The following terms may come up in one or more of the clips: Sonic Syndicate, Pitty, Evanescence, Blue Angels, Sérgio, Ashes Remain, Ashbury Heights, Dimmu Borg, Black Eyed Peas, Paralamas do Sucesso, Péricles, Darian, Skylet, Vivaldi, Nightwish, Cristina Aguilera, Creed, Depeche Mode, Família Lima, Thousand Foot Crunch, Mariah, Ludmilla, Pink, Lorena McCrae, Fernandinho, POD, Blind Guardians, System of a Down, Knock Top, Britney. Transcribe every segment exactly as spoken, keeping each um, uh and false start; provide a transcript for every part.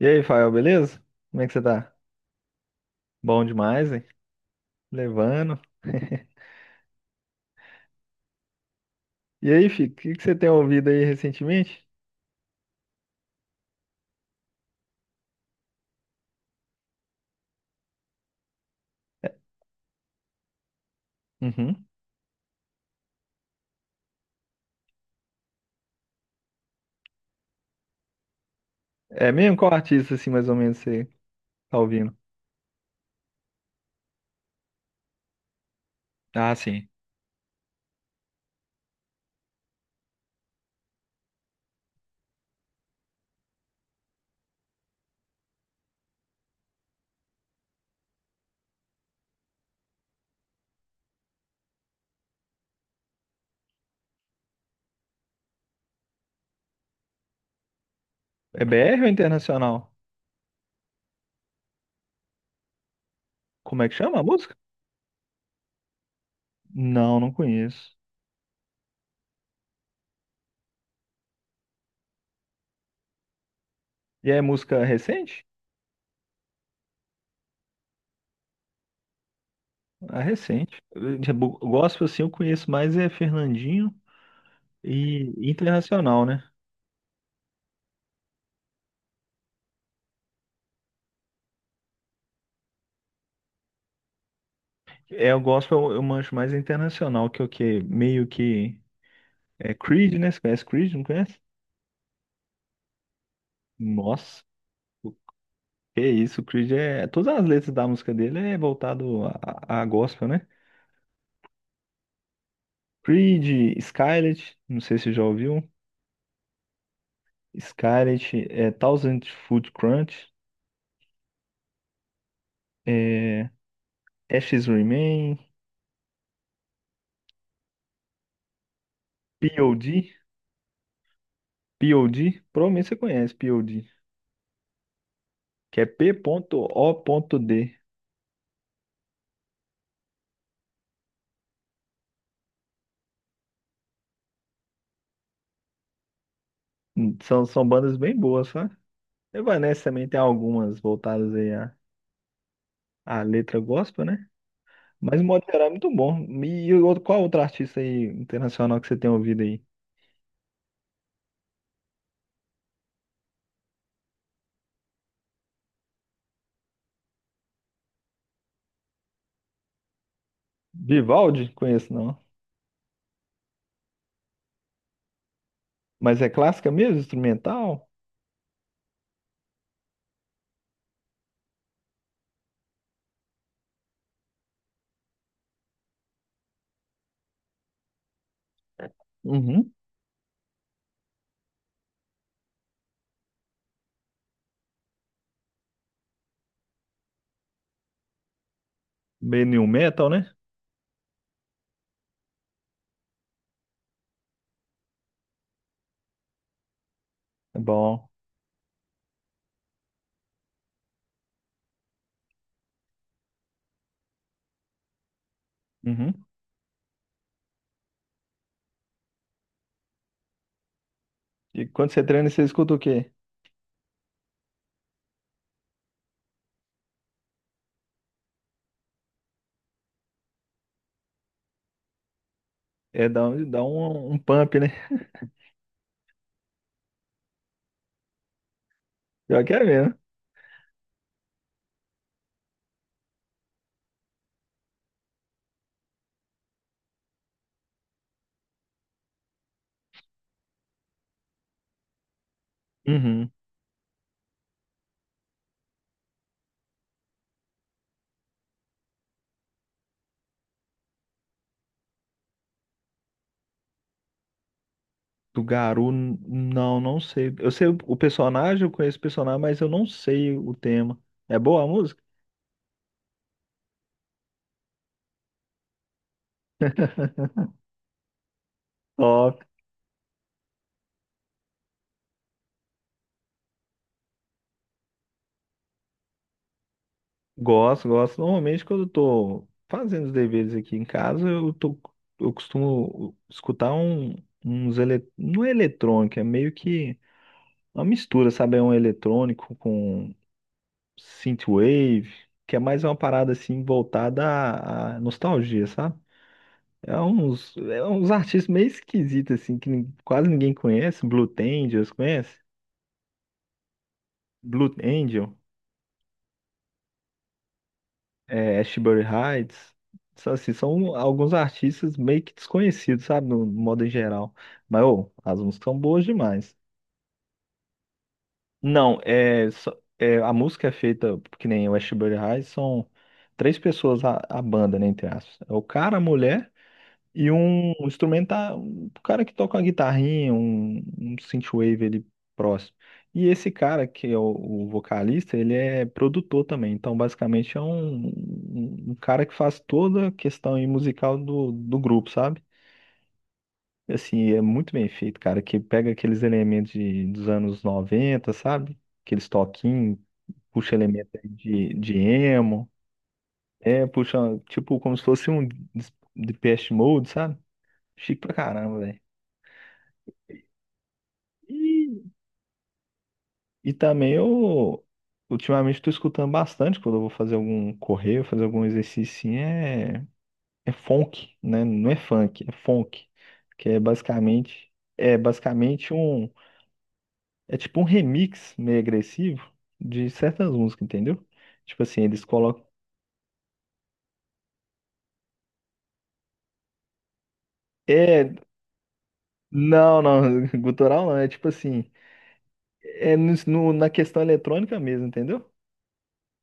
E aí, Fael, beleza? Como é que você tá? Bom demais, hein? Levando. E aí, Fico, o que que você tem ouvido aí recentemente? Uhum. É mesmo? Qual artista, assim, mais ou menos, você tá ouvindo? Ah, sim. É B R ou internacional? Como é que chama a música? Não, não conheço. E é música recente? Ah, recente. Eu- eu Gospel, assim, eu conheço mais é Fernandinho e internacional, né? É, o gospel eu eu manjo mais internacional, que é o que meio que é Creed, né? Você conhece Creed, não conhece? Nossa, o que é isso, o Creed é. Todas as letras da música dele é voltado a, a gospel, né? Creed, Skylet, não sei se já ouviu. Skylet, é, Thousand Foot Crunch, é, Ashes Remain, P O D, P O D, provavelmente você conhece P O D, que é P O D. São, são bandas bem boas, sabe? Evanescence também tem algumas voltadas aí à, à letra gospel, né? Mas, no modo geral, é muito bom. E outro- qual outro artista aí internacional que você tem ouvido aí? Vivaldi? Conheço, não. Mas é clássica mesmo? Instrumental? Uhum. Meio new metal, né? É bom. Uhum. E quando você treina, você escuta o quê? É dar um, dá um, um pump, né? Eu quero mesmo. Uhum. Do Garou, n- não, não sei. Eu sei o o personagem, eu conheço o personagem, mas eu não sei o tema. É boa a música? Top. Gosto, gosto. Normalmente, quando eu tô fazendo os deveres aqui em casa, eu tô, eu costumo escutar um, uns ele, não é eletrônico, é meio que uma mistura, sabe? É um eletrônico com synthwave, que é mais uma parada assim voltada à, à nostalgia, sabe? É uns, é uns artistas meio esquisitos assim que nin- quase ninguém conhece. Blue Angels, conhece? Blue Angel. é, Ashbury Heights, só assim, são alguns artistas meio que desconhecidos, sabe, no, no modo em geral. Mas, ô, as músicas são boas demais. Não, é, só- é, a música é feita, que nem o Ashbury Heights, são três pessoas a, a banda, né, entre aspas. É o cara, a mulher e um instrumental, um cara que toca uma guitarrinha, um, um synthwave ali próximo. E esse cara, que é o, o vocalista, ele é produtor também. Então, basicamente, é um, um um cara que faz toda a questão aí musical do, do grupo, sabe? Assim, é muito bem feito, cara, que pega aqueles elementos de, dos anos noventa, sabe? Aqueles toquinhos, puxa elemento aí de, de emo, é, puxa, tipo, como se fosse um Depeche Mode, sabe? Chique pra caramba. E, e também eu ultimamente estou escutando bastante quando eu vou fazer algum correio, fazer algum exercício assim, é, é funk, né? Não é funk, é funk, que é basicamente é basicamente um é tipo um remix meio agressivo de certas músicas, entendeu? Tipo assim, eles colocam é não, não, gutural não, é tipo assim, é no, no- na questão eletrônica mesmo, entendeu?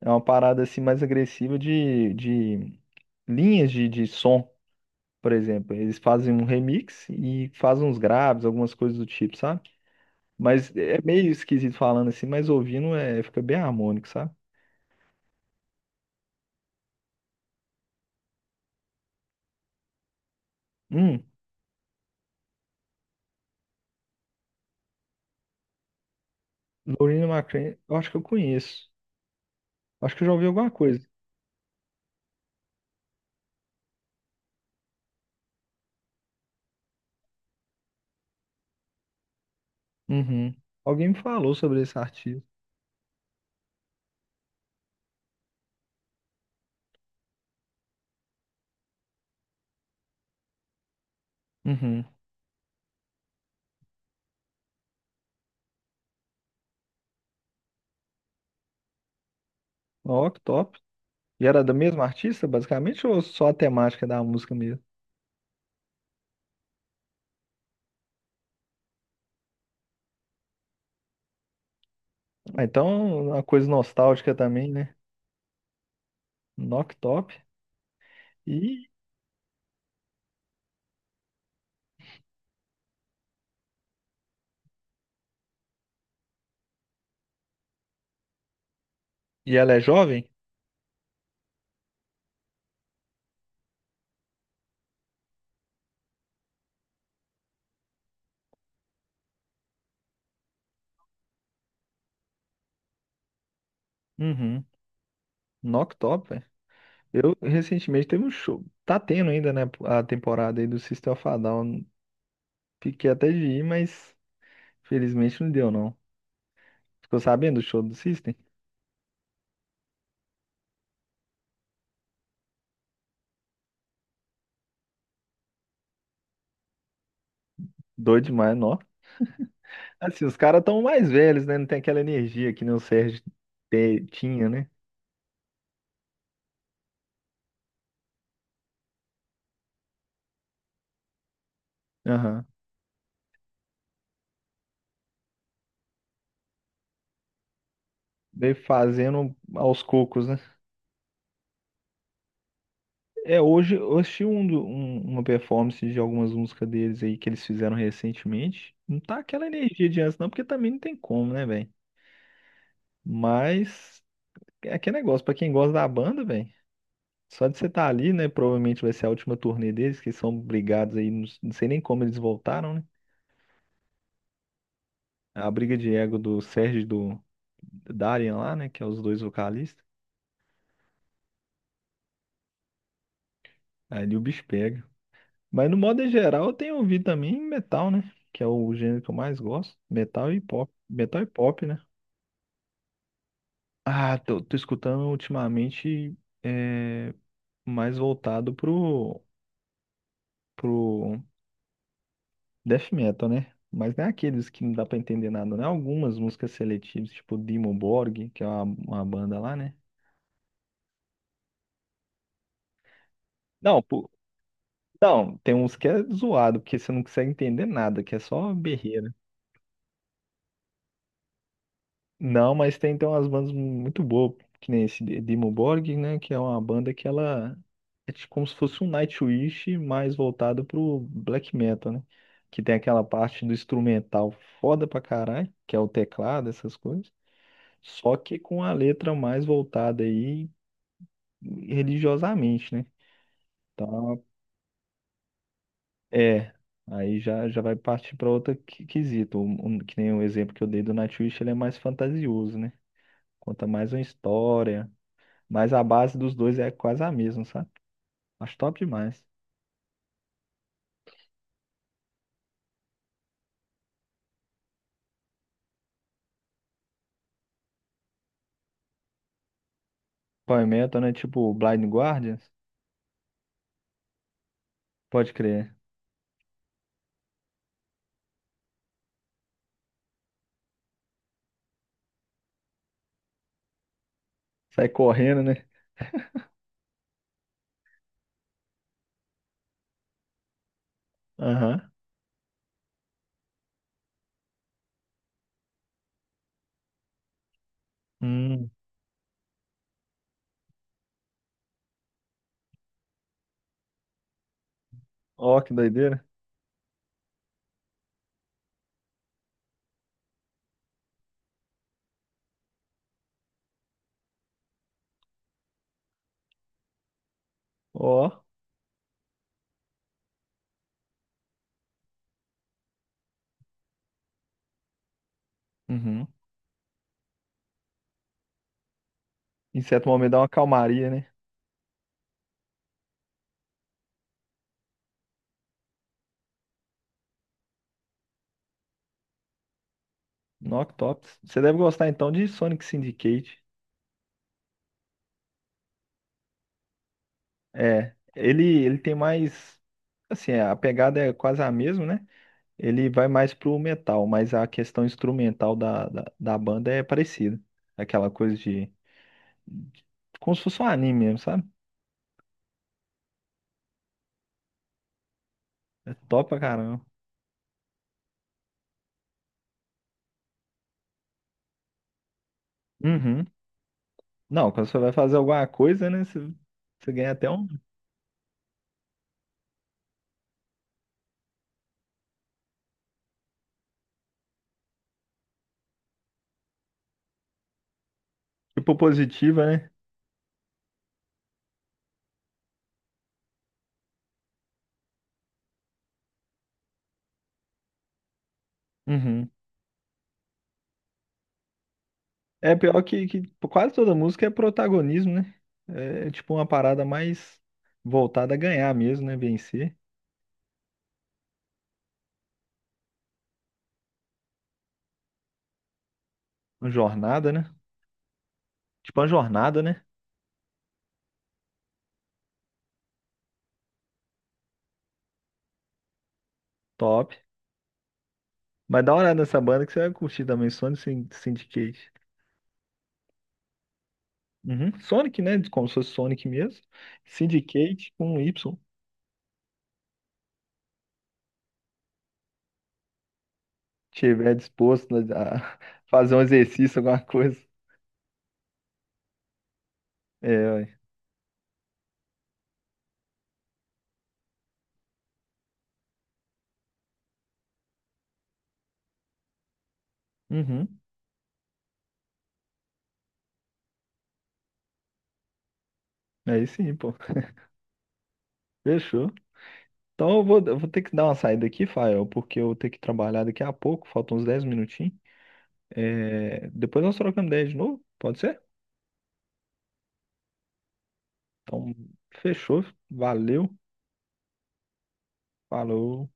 É uma parada assim mais agressiva de, de linhas de, de som. Por exemplo, eles fazem um remix e fazem uns graves, algumas coisas do tipo, sabe? Mas é é meio esquisito falando assim, mas ouvindo é, fica bem harmônico, sabe? Hum, Lorena McCrae, eu acho que eu conheço. Acho que eu já ouvi alguma coisa. Uhum. Alguém me falou sobre esse artista. Uhum. Ó, que top. E era da mesma artista, basicamente, ou só a temática da música mesmo? Ah, então, uma coisa nostálgica também, né? Knock Top. E, e ela é jovem? Uhum. Knock Top. Eu recentemente teve um show. Tá tendo ainda, né? A temporada aí do System of a Down. Fiquei até de ir, mas felizmente não deu, não. Ficou sabendo do show do System? Doido demais, não. Assim, os caras estão mais velhos, né? Não tem aquela energia que nem o Sérgio te- tinha, né? Aham. Veio fazendo aos cocos, né? É, hoje eu assisti um, do- um- uma performance de algumas músicas deles aí que eles fizeram recentemente. Não tá aquela energia de antes, não, porque também não tem como, né, velho? Mas. É que é negócio, pra quem gosta da banda, velho. Só de você estar ali, né? Provavelmente vai ser a última turnê deles, que são brigados aí. Não não sei nem como eles voltaram, né? A briga de ego do Sérgio e do Darian lá, né? Que é os dois vocalistas. Aí o bicho pega. Mas no modo geral, eu tenho ouvido também metal, né? Que é o gênero que eu mais gosto. Metal e pop. Metal e pop, né? Ah, tô, tô escutando ultimamente é, mais voltado pro, pro Death metal, né? Mas não é aqueles que não dá pra entender nada, né? Algumas músicas seletivas, tipo Dimmu Borg, que é uma, uma banda lá, né? Não, pô, não, tem uns que é zoado, porque você não consegue entender nada, que é só berreira. Não, mas tem, tem, umas bandas muito boas, que nem esse D- Dimmu Borg, né? Que é uma banda que ela é tipo como se fosse um Nightwish mais voltado pro black metal, né? Que tem aquela parte do instrumental foda pra caralho, que é o teclado, essas coisas. Só que com a letra mais voltada aí religiosamente, né? Então, é, aí já, já vai partir para outro qui- quesito. Um- um- que nem o exemplo que eu dei do Nightwish, ele é mais fantasioso, né? Conta mais uma história, mas a base dos dois é quase a mesma, sabe? Acho top demais. Power Metal, né? Tipo Blind Guardians, pode crer. Sai correndo, né? Aham. Hum. Ó, que doideira. Ó. Uhum. Em certo momento dá uma calmaria, né? Noctops. Você deve gostar então de Sonic Syndicate. É, ele, ele tem mais. Assim, a pegada é quase a mesma, né? Ele vai mais pro metal, mas a questão instrumental da, da, da banda é parecida. Aquela coisa de, de. Como se fosse um anime mesmo, sabe? É top pra caramba. Uhum. Não, quando você vai fazer alguma coisa, né? Você, você ganha até um. Tipo positiva, né? Uhum. É pior que, que quase toda música é protagonismo, né? É é, tipo uma parada mais voltada a ganhar mesmo, né? Vencer. Uma jornada, né? Tipo uma jornada, né? Top. Mas dá uma olhada nessa banda que você vai curtir também, Sonic Syn- Syndicate. Uhum. Sonic, né? Como se fosse Sonic mesmo. Syndicate com Y. Tiver disposto a a fazer um exercício, alguma coisa. É, ué. Uhum. Aí sim, pô. Fechou. Então eu vou, eu vou ter que dar uma saída aqui, Fael, porque eu vou ter que trabalhar daqui a pouco, faltam uns dez minutinhos. É, depois nós trocamos ideia de novo, pode ser? Então, fechou, valeu, falou.